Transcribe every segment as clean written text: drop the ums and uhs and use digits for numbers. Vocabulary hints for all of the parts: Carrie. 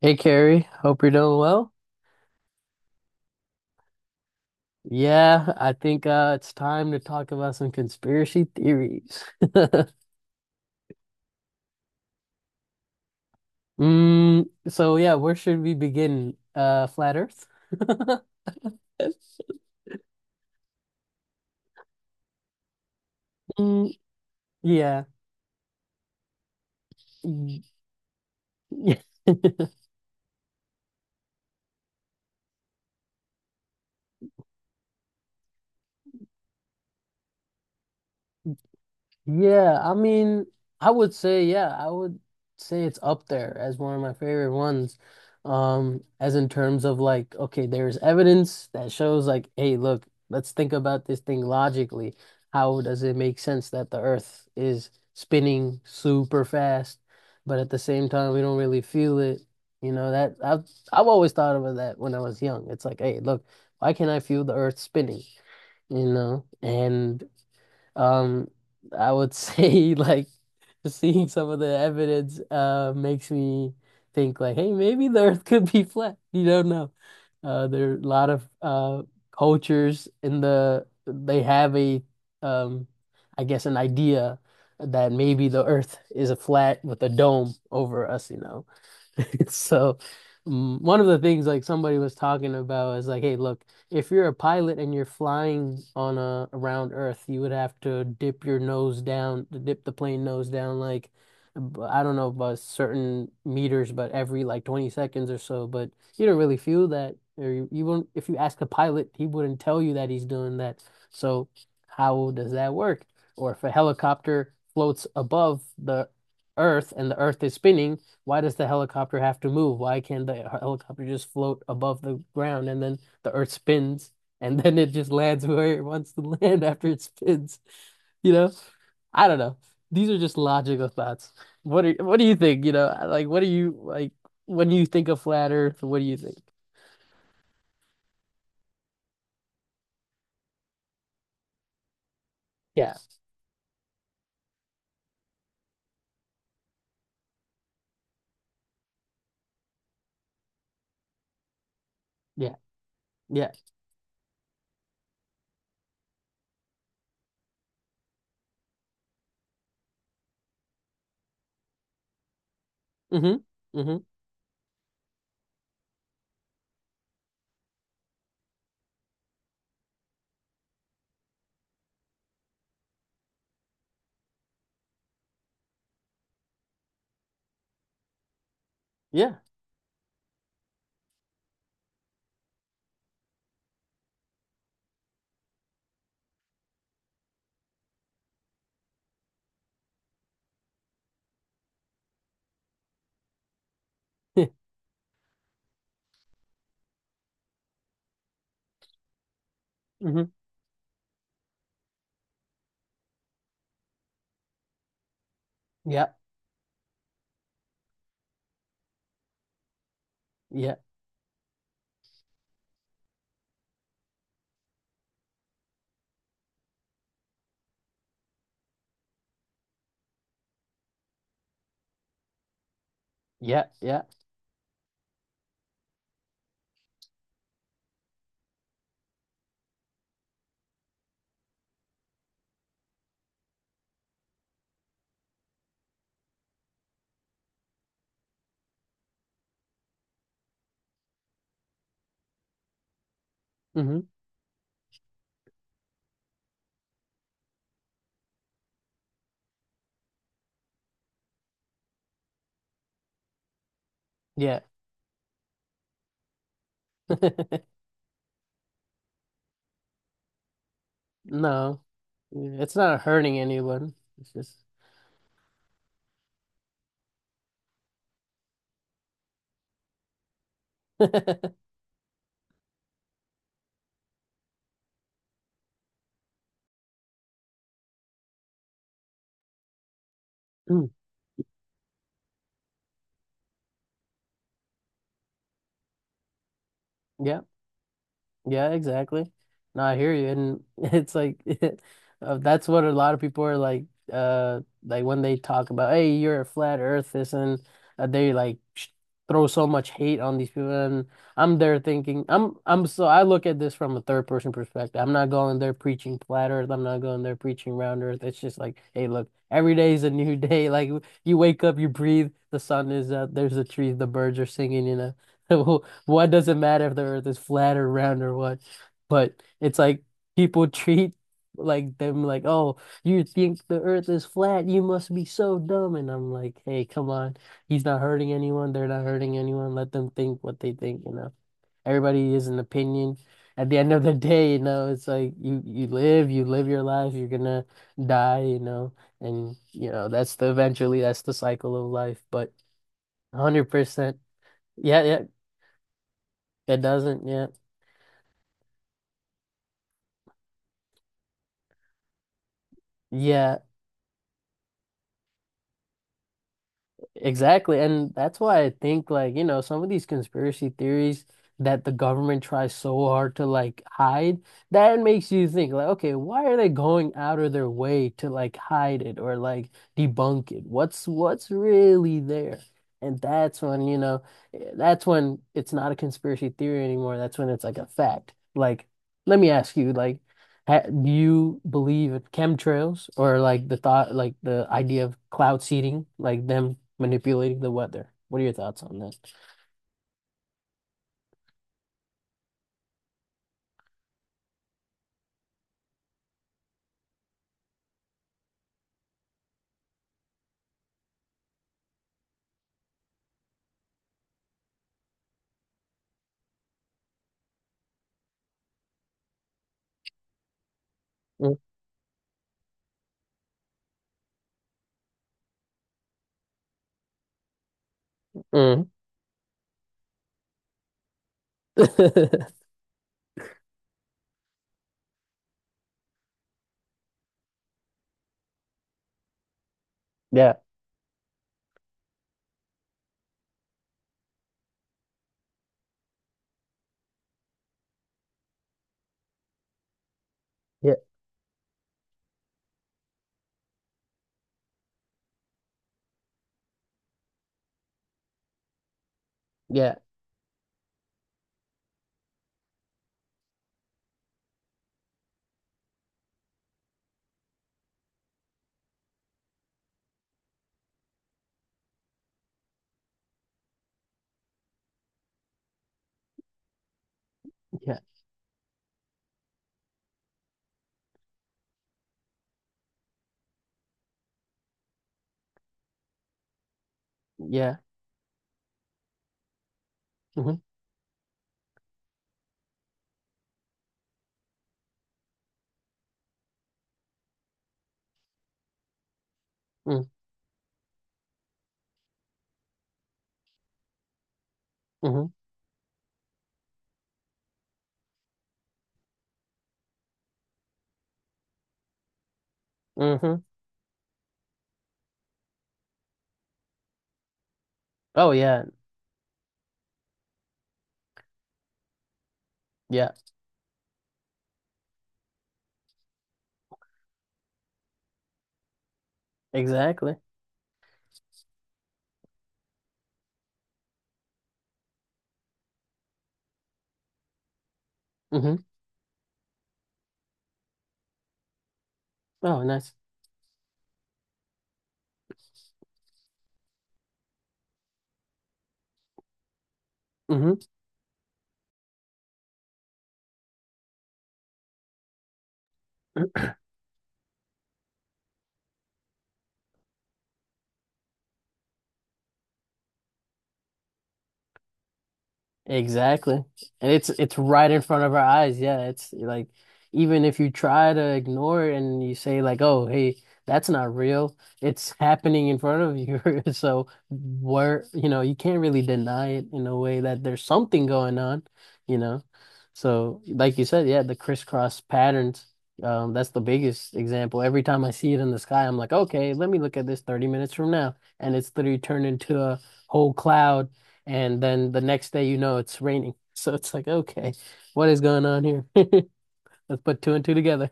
Hey Carrie, hope you're doing well. Yeah, I think it's time to talk about some conspiracy theories. So yeah, where should we begin? Flat Earth? Mm, yeah. Mm, yeah. Yeah, I mean, I would say, yeah, I would say it's up there as one of my favorite ones. As in terms of like, okay, there's evidence that shows like, hey, look, let's think about this thing logically. How does it make sense that the Earth is spinning super fast, but at the same time we don't really feel it? You know, that I've always thought about that when I was young. It's like, hey, look, why can't I feel the Earth spinning? You know, and um, I would say like seeing some of the evidence makes me think like, hey, maybe the Earth could be flat. You don't know. There are a lot of cultures in they have a um, I guess an idea that maybe the Earth is a flat with a dome over us, you know. So, mm, one of the things like somebody was talking about is like, hey, look, if you're a pilot and you're flying on a around Earth, you would have to dip your nose down, to dip the plane nose down, like I don't know about certain meters, but every like 20 seconds or so. But you don't really feel that, or you won't. If you ask a pilot, he wouldn't tell you that he's doing that. So, how does that work? Or if a helicopter floats above the Earth and the Earth is spinning, why does the helicopter have to move? Why can't the helicopter just float above the ground and then the earth spins and then it just lands where it wants to land after it spins? You know? I don't know. These are just logical thoughts. What do you think? You know, like what do you like when you think of flat earth, what do you think? Yeah. Yeah. Yeah. Mm-hmm. Mm-hmm. Yeah. Mm-hmm. Yeah. Yeah. Yeah. Yeah. Mm-hmm. Yeah. No. It's not hurting anyone. It's just mm, yeah, yeah, exactly. No, I hear you, and it's like that's what a lot of people are like. Like when they talk about, hey, you're a flat earthist, and they like sh throw so much hate on these people. And I'm there thinking, I'm so I look at this from a third person perspective. I'm not going there preaching flat earth. I'm not going there preaching round earth. It's just like, hey, look, every day is a new day. Like you wake up, you breathe, the sun is up, there's the trees, the birds are singing, you know. What does it matter if the earth is flat or round or what? But it's like people treat like them like, oh, you think the earth is flat, you must be so dumb. And I'm like, hey, come on. He's not hurting anyone, they're not hurting anyone. Let them think what they think, you know. Everybody is an opinion. At the end of the day, you know, it's like you live your life, you're gonna die, you know, and you know, that's the eventually that's the cycle of life. But 100%. Yeah, yeah, it doesn't. Yeah. Yeah, exactly. And that's why I think like, you know, some of these conspiracy theories that the government tries so hard to like hide, that makes you think like, okay, why are they going out of their way to like hide it or like debunk it? What's really there? And that's when, you know, that's when it's not a conspiracy theory anymore. That's when it's like a fact. Like, let me ask you, like, Ha do you believe in chemtrails or like the thought, like the idea of cloud seeding, like them manipulating the weather? What are your thoughts on that? Mm, mm. Yeah, yeah, yeah, yeah, yeah. Mm-hmm, mm, mm-hmm, mm-hmm. Oh yeah, yeah, exactly. Mm-hmm. Oh, nice. Mm-hmm. Exactly. And it's right in front of our eyes. Yeah, it's like even if you try to ignore it and you say like, "Oh, hey, that's not real." It's happening in front of you. So where, you know, you can't really deny it in a way that there's something going on, you know. So like you said, yeah, the crisscross patterns, that's the biggest example. Every time I see it in the sky, I'm like, "Okay, let me look at this 30 minutes from now." And it's literally turned into a whole cloud and then the next day, you know, it's raining. So it's like, okay, what is going on here? Let's put two and two together.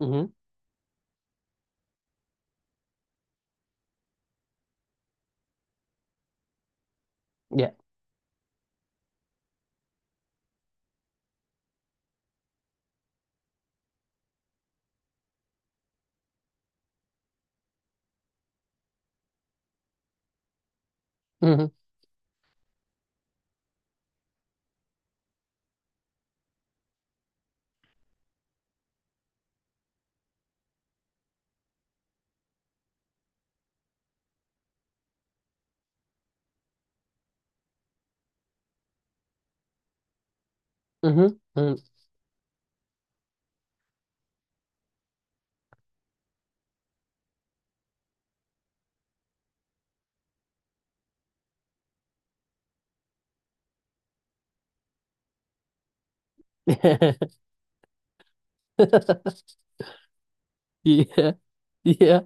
Hmm. Yeah. Hmm. Hmm. Mm. Yeah. Yeah. Yeah.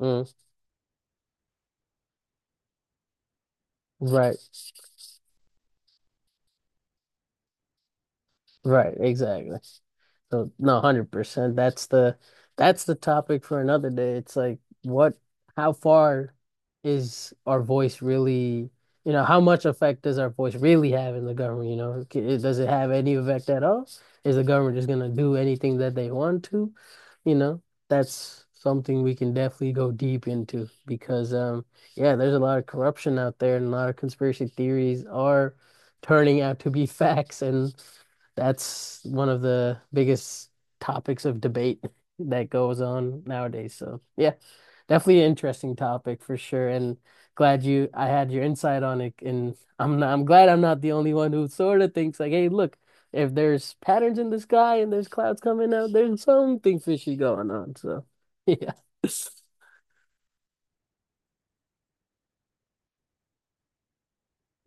Mm. Right. Right. Exactly. So no, 100%. That's the topic for another day. It's like what how far is our voice really, you know, how much effect does our voice really have in the government, you know? Does it have any effect at all? Is the government just going to do anything that they want to? You know, that's something we can definitely go deep into because yeah, there's a lot of corruption out there and a lot of conspiracy theories are turning out to be facts and that's one of the biggest topics of debate that goes on nowadays. So yeah, definitely an interesting topic for sure. And glad you I had your insight on it. And I'm glad I'm not the only one who sort of thinks like, hey, look, if there's patterns in the sky and there's clouds coming out, there's something fishy going on. So yeah.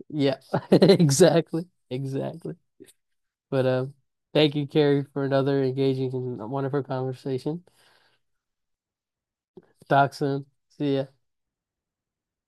Yeah. Exactly. Exactly. But thank you, Carrie, for another engaging and wonderful conversation. Talk soon. See ya.